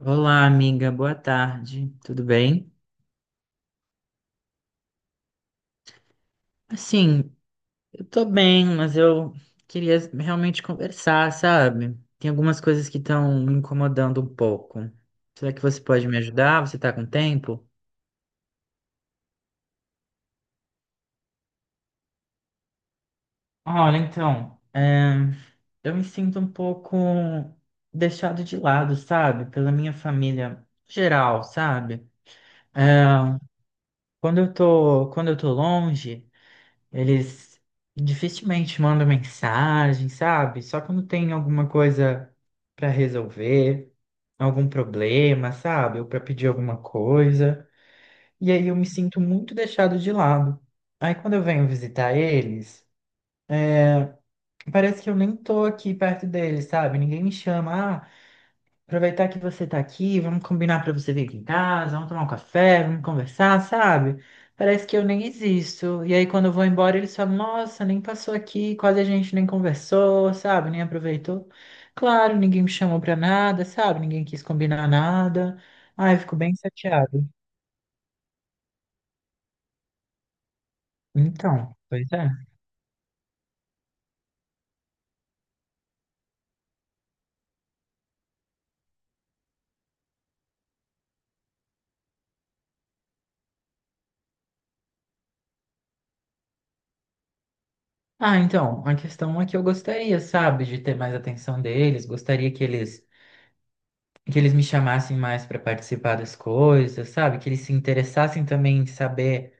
Olá, amiga, boa tarde, tudo bem? Assim, eu tô bem, mas eu queria realmente conversar, sabe? Tem algumas coisas que estão me incomodando um pouco. Será que você pode me ajudar? Você tá com tempo? Olha, então, eu me sinto um pouco deixado de lado, sabe? Pela minha família geral, sabe? É. Quando eu tô longe, eles dificilmente mandam mensagem, sabe? Só quando tem alguma coisa para resolver, algum problema, sabe? Ou para pedir alguma coisa. E aí eu me sinto muito deixado de lado. Aí quando eu venho visitar eles, parece que eu nem tô aqui perto deles, sabe? Ninguém me chama, "Ah, aproveitar que você tá aqui, vamos combinar pra você vir aqui em casa, vamos tomar um café, vamos conversar, sabe?" Parece que eu nem existo. E aí, quando eu vou embora, eles falam: "Nossa, nem passou aqui, quase a gente nem conversou, sabe? Nem aproveitou." Claro, ninguém me chamou pra nada, sabe? Ninguém quis combinar nada. Ai, eu fico bem chateado. Então, pois é. Ah, então, a questão é que eu gostaria, sabe, de ter mais atenção deles, gostaria que eles me chamassem mais para participar das coisas, sabe? Que eles se interessassem também em saber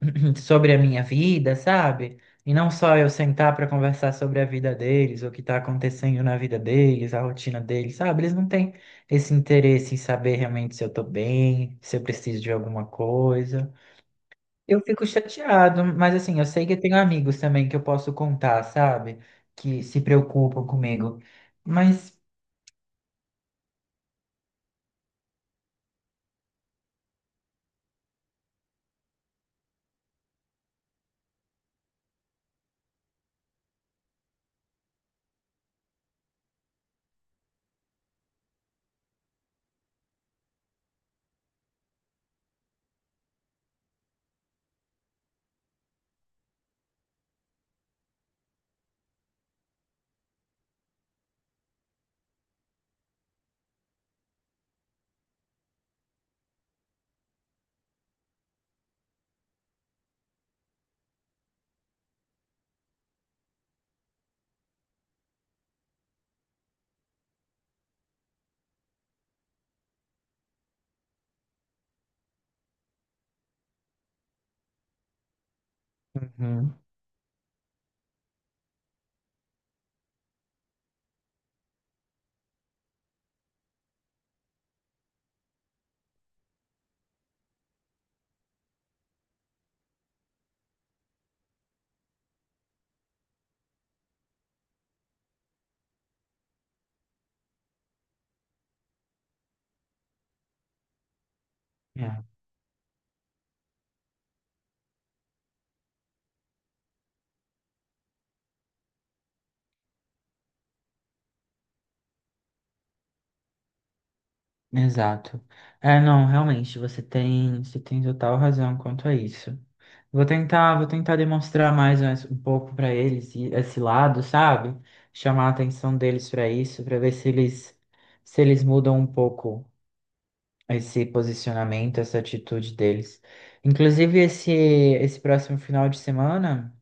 sobre a minha vida, sabe? E não só eu sentar para conversar sobre a vida deles, o que está acontecendo na vida deles, a rotina deles, sabe? Eles não têm esse interesse em saber realmente se eu tô bem, se eu preciso de alguma coisa. Eu fico chateado, mas assim, eu sei que eu tenho amigos também que eu posso contar, sabe? Que se preocupam comigo. Mas. Uhum. É. Exato. É, não, realmente, você tem total razão quanto a isso. Vou tentar demonstrar mais um pouco para eles esse lado, sabe? Chamar a atenção deles para isso, para ver se eles mudam um pouco esse posicionamento, essa atitude deles. Inclusive esse próximo final de semana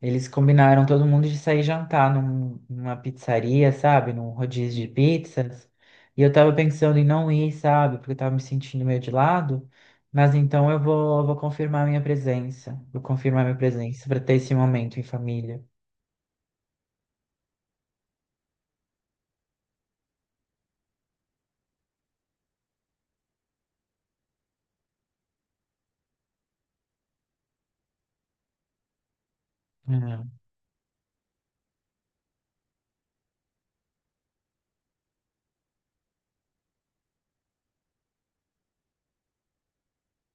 eles combinaram todo mundo de sair jantar numa pizzaria, sabe? Num rodízio de pizzas. E eu tava pensando em não ir, sabe? Porque eu tava me sentindo meio de lado. Mas então eu vou, vou confirmar minha presença. Vou confirmar minha presença para ter esse momento em família. Hum,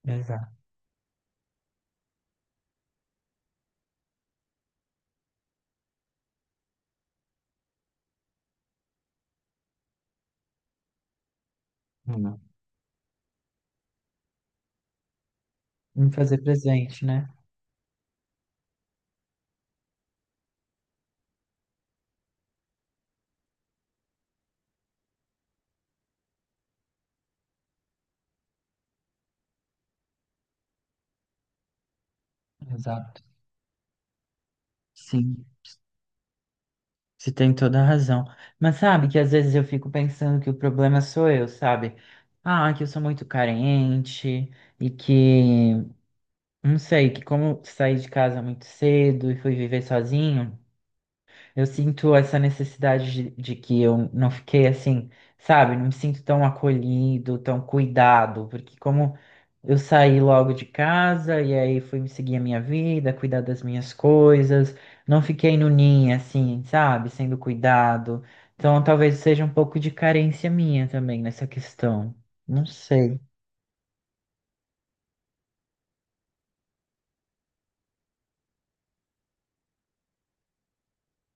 exato. Hum. Me fazer presente, né? Exato. Sim, você tem toda a razão. Mas sabe que às vezes eu fico pensando que o problema sou eu, sabe? Ah, que eu sou muito carente e que não sei, que como eu saí de casa muito cedo e fui viver sozinho, eu sinto essa necessidade de que eu não fiquei assim, sabe? Não me sinto tão acolhido, tão cuidado, porque como eu saí logo de casa e aí fui seguir a minha vida, cuidar das minhas coisas, não fiquei no ninho assim, sabe? Sendo cuidado. Então talvez seja um pouco de carência minha também nessa questão. Não sei.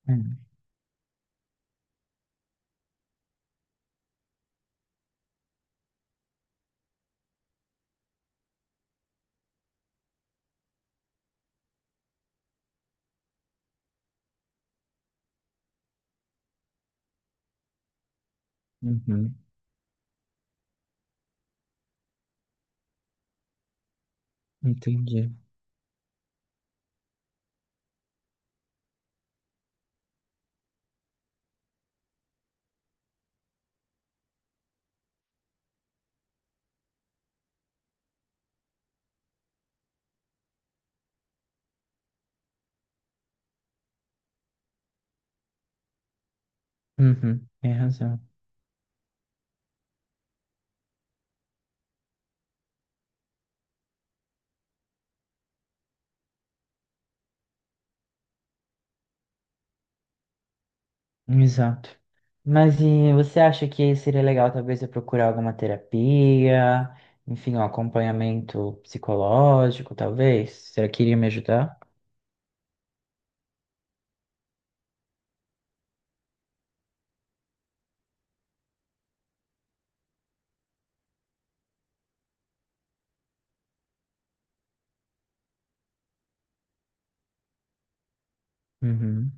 Hum. Uhum, entendi. Uhum, tem razão. Exato. Mas e você acha que seria legal talvez eu procurar alguma terapia, enfim, um acompanhamento psicológico, talvez? Será que iria me ajudar? Uhum.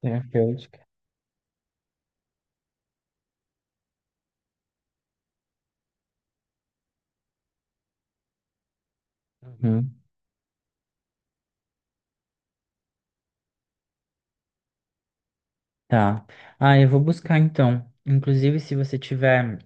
Terapêutica. Uhum. Tá. Ah, eu vou buscar então. Inclusive, se você tiver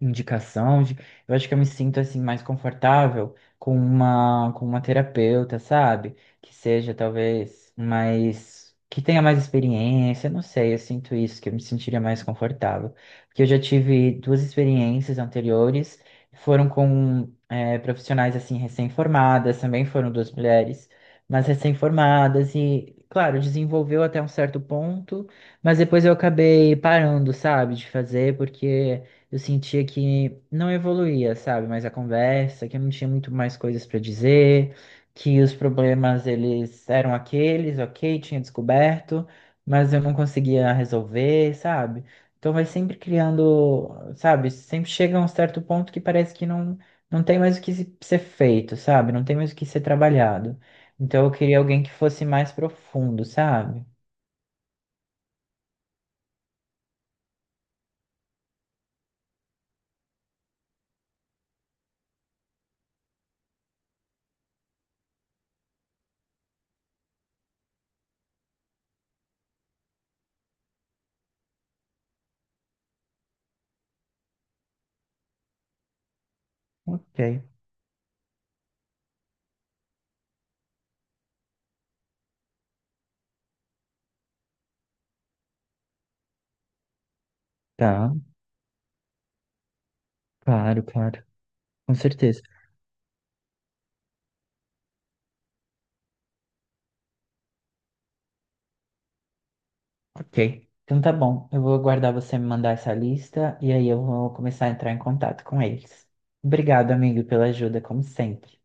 indicação de, eu acho que eu me sinto assim mais confortável com uma terapeuta, sabe? Que seja talvez mais que tenha mais experiência, não sei, eu sinto isso, que eu me sentiria mais confortável. Porque eu já tive duas experiências anteriores, foram com profissionais assim recém-formadas, também foram duas mulheres, mas recém-formadas e claro, desenvolveu até um certo ponto, mas depois eu acabei parando, sabe, de fazer, porque eu sentia que não evoluía, sabe? Mas a conversa, que eu não tinha muito mais coisas para dizer, que os problemas eles eram aqueles, ok, tinha descoberto, mas eu não conseguia resolver, sabe? Então vai sempre criando, sabe? Sempre chega a um certo ponto que parece que não, não tem mais o que ser feito, sabe? Não tem mais o que ser trabalhado. Então eu queria alguém que fosse mais profundo, sabe? Ok. Tá, claro, claro. Com certeza. Ok. Então tá bom. Eu vou aguardar você me mandar essa lista e aí eu vou começar a entrar em contato com eles. Obrigado, amigo, pela ajuda, como sempre.